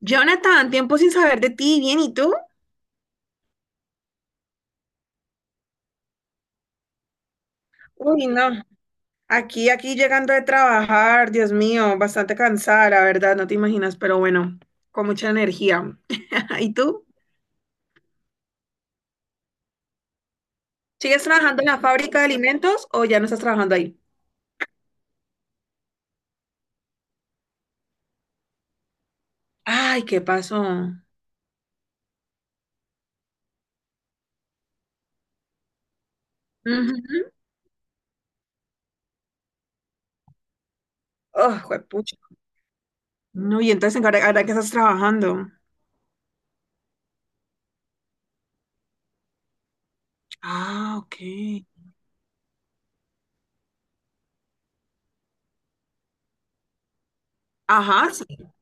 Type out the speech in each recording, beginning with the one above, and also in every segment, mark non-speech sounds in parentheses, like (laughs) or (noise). Jonathan, tiempo sin saber de ti, bien, ¿y tú? Uy, no, aquí llegando de trabajar, Dios mío, bastante cansada, la verdad, no te imaginas, pero bueno, con mucha energía. (laughs) ¿Y tú? ¿Sigues trabajando en la fábrica de alimentos o ya no estás trabajando ahí? Ay, ¿qué pasó? Ujú. Oh, juepucha. No, y entonces, ¿ahora que estás trabajando? Ah, ok. Ajá, sí. (laughs)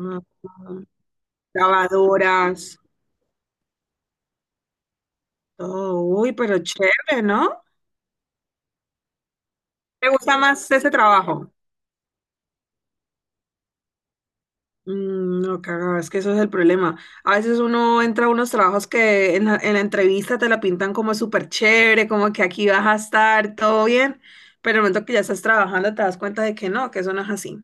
Mm. Lavadoras, todo. Uy, pero chévere, ¿no? ¿Te gusta más ese trabajo? Mm, no, cagado, es que eso es el problema. A veces uno entra a unos trabajos que en la entrevista te la pintan como súper chévere, como que aquí vas a estar todo bien, pero en el momento que ya estás trabajando te das cuenta de que no, que eso no es así.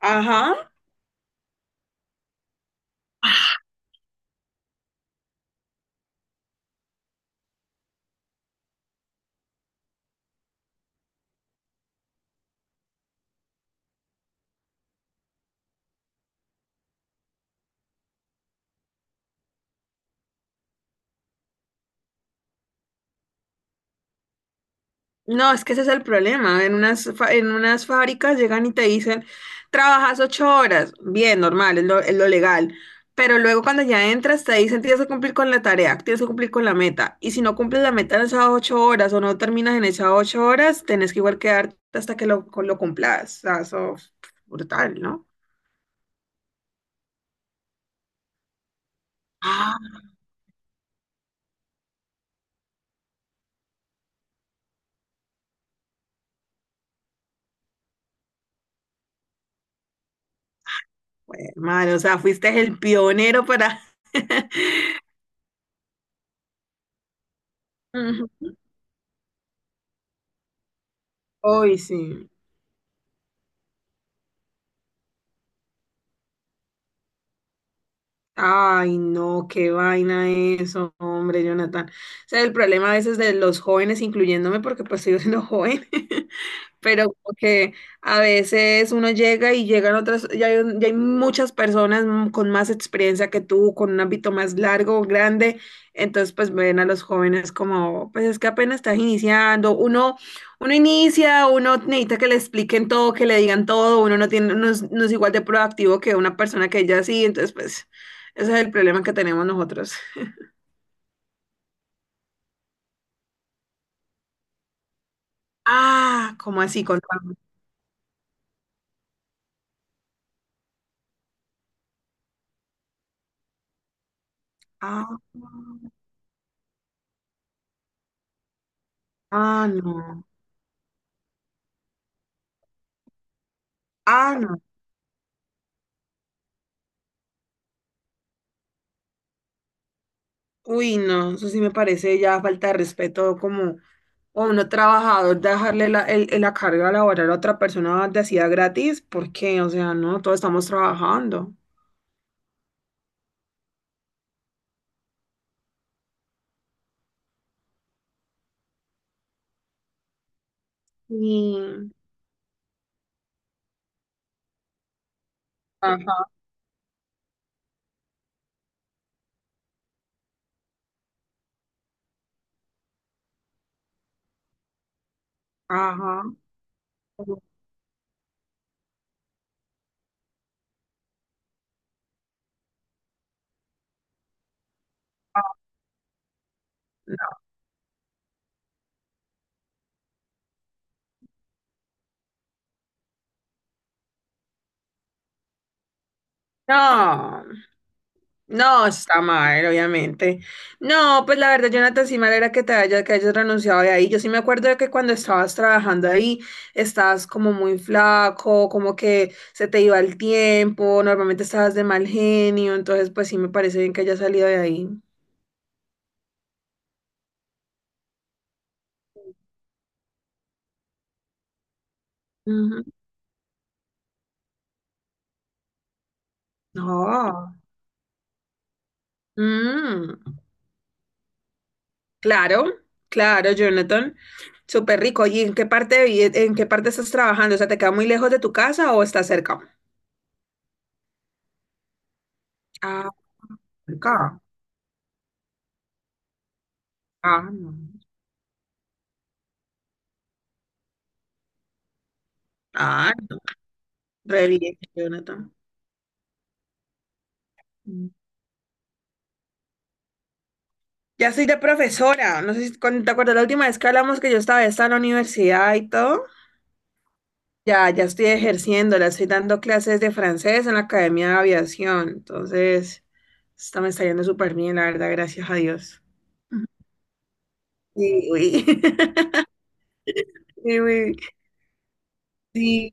Ajá. No, es que ese es el problema. En unas fábricas llegan y te dicen, trabajas ocho horas. Bien, normal, es lo legal. Pero luego cuando ya entras te dicen, tienes que cumplir con la tarea, tienes que cumplir con la meta. Y si no cumples la meta en esas ocho horas o no terminas en esas ocho horas, tenés que igual quedarte hasta que lo cumplas. O sea, eso brutal, ¿no? Ah, bueno, madre, o sea, fuiste el pionero para... (laughs) Ujú. Hoy sí. Ay, no, qué vaina eso, hombre, Jonathan. O sea, el problema a veces de los jóvenes, incluyéndome, porque pues sigo siendo joven, (laughs) pero como que a veces uno llega y llegan otras, ya hay muchas personas con más experiencia que tú, con un ámbito más largo, grande, entonces pues ven a los jóvenes como, pues es que apenas estás iniciando, uno inicia, uno necesita que le expliquen todo, que le digan todo, uno no tiene, no es igual de proactivo que una persona que ya sí, entonces pues ese es el problema que tenemos nosotros. Ah, ¿cómo así? Contame. Ah, ah, no. Ah, no. Uy, no, eso sí me parece ya falta de respeto como a uno trabajador dejarle la, la carga laboral a otra persona de hacía gratis, porque, o sea, no, todos estamos trabajando. Sí, ajá, ajá. No. No, está mal, obviamente. No, pues la verdad, Jonathan, sí mal era que que hayas renunciado de ahí. Yo sí me acuerdo de que cuando estabas trabajando ahí, estabas como muy flaco, como que se te iba el tiempo, normalmente estabas de mal genio, entonces pues sí me parece bien que hayas salido de ahí. Ujú. No. Mm, claro, claro, Jonathan. Súper rico. ¿Y en qué parte, en qué parte estás trabajando? O sea, ¿te queda muy lejos de tu casa o estás cerca? Ah, cerca. Ah, no. Ah, re bien, Jonathan. Mm. Ya soy de profesora. No sé si te acuerdas la última vez que hablamos que yo estaba en la universidad y todo. Ya estoy ejerciendo, la estoy dando clases de francés en la Academia de Aviación. Entonces, esto me está yendo súper bien, la verdad, gracias a Dios. Ujú. Sí, uy. (laughs) Sí, uy. Sí,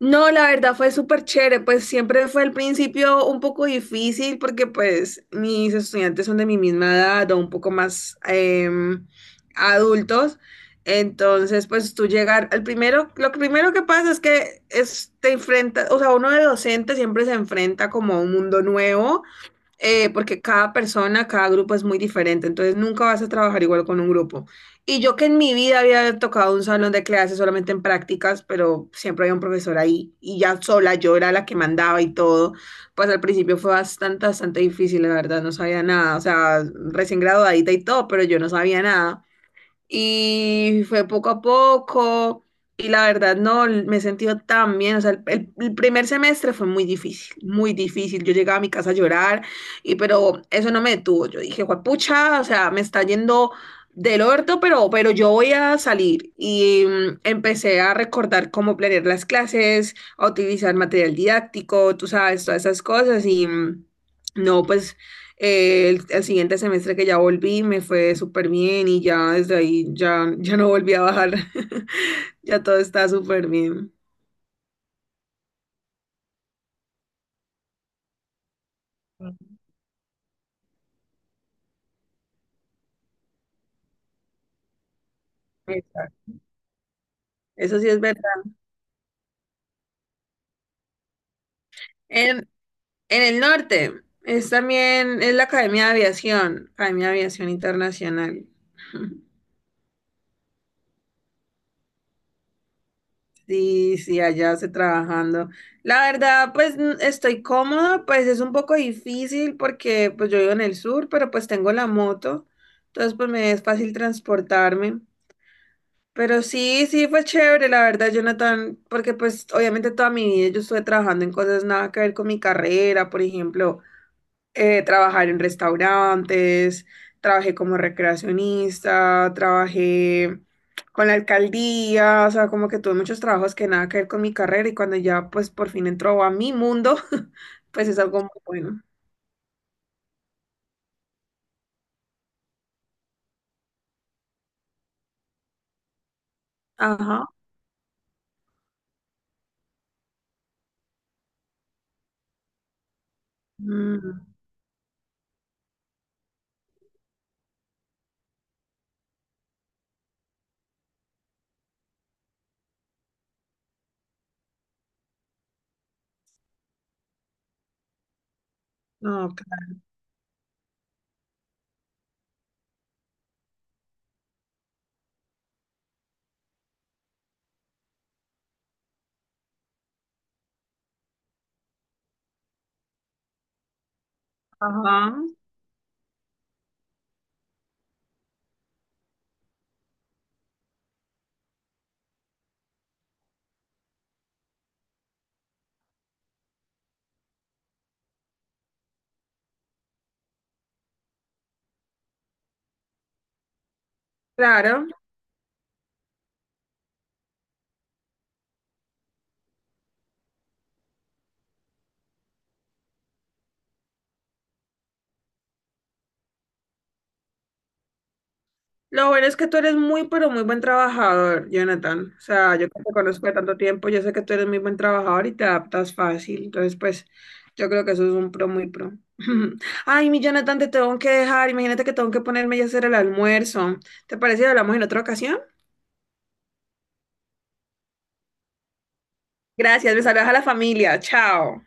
no, la verdad fue súper chévere, pues siempre fue al principio un poco difícil porque pues mis estudiantes son de mi misma edad o un poco más adultos, entonces pues tú llegar, al primero, lo primero que pasa es te enfrentas, o sea, uno de docente siempre se enfrenta como a un mundo nuevo porque cada persona, cada grupo es muy diferente, entonces nunca vas a trabajar igual con un grupo. Y yo que en mi vida había tocado un salón de clases solamente en prácticas, pero siempre había un profesor ahí y ya sola yo era la que mandaba y todo, pues al principio fue bastante difícil, la verdad, no sabía nada, o sea, recién graduadita y todo, pero yo no sabía nada y fue poco a poco y la verdad no, me he sentido tan bien, o sea, el primer semestre fue muy difícil, yo llegaba a mi casa a llorar y pero eso no me detuvo, yo dije, pucha, o sea, me está yendo del orto, pero yo voy a salir y empecé a recordar cómo planear las clases, a utilizar material didáctico, tú sabes, todas esas cosas y no, pues el siguiente semestre que ya volví me fue súper bien y ya desde ahí ya no volví a bajar. (laughs) Ya todo está súper bien. Exacto. Eso sí es verdad. En, en el norte es también, es la Academia de Aviación Internacional. (laughs) Sí, sí, allá se trabajando. La verdad, pues estoy cómoda, pues es un poco difícil porque pues yo vivo en el sur, pero pues tengo la moto, entonces pues me es fácil transportarme. Pero sí, sí fue chévere, la verdad, Jonathan, porque pues obviamente toda mi vida yo estuve trabajando en cosas nada que ver con mi carrera, por ejemplo, trabajar en restaurantes, trabajé como recreacionista, trabajé con la alcaldía, o sea, como que tuve muchos trabajos que nada que ver con mi carrera y cuando ya pues por fin entró a mi mundo, (laughs) pues es algo muy bueno. Ajá. Mm, no, ajá. Claro. Lo bueno es que tú eres muy, pero muy buen trabajador, Jonathan. O sea, yo que te conozco de tanto tiempo, yo sé que tú eres muy buen trabajador y te adaptas fácil. Entonces, pues, yo creo que eso es un pro muy pro. (laughs) Ay, mi Jonathan, te tengo que dejar. Imagínate que tengo que ponerme ya a hacer el almuerzo. ¿Te parece que hablamos en otra ocasión? Gracias, me saludas a la familia. Chao.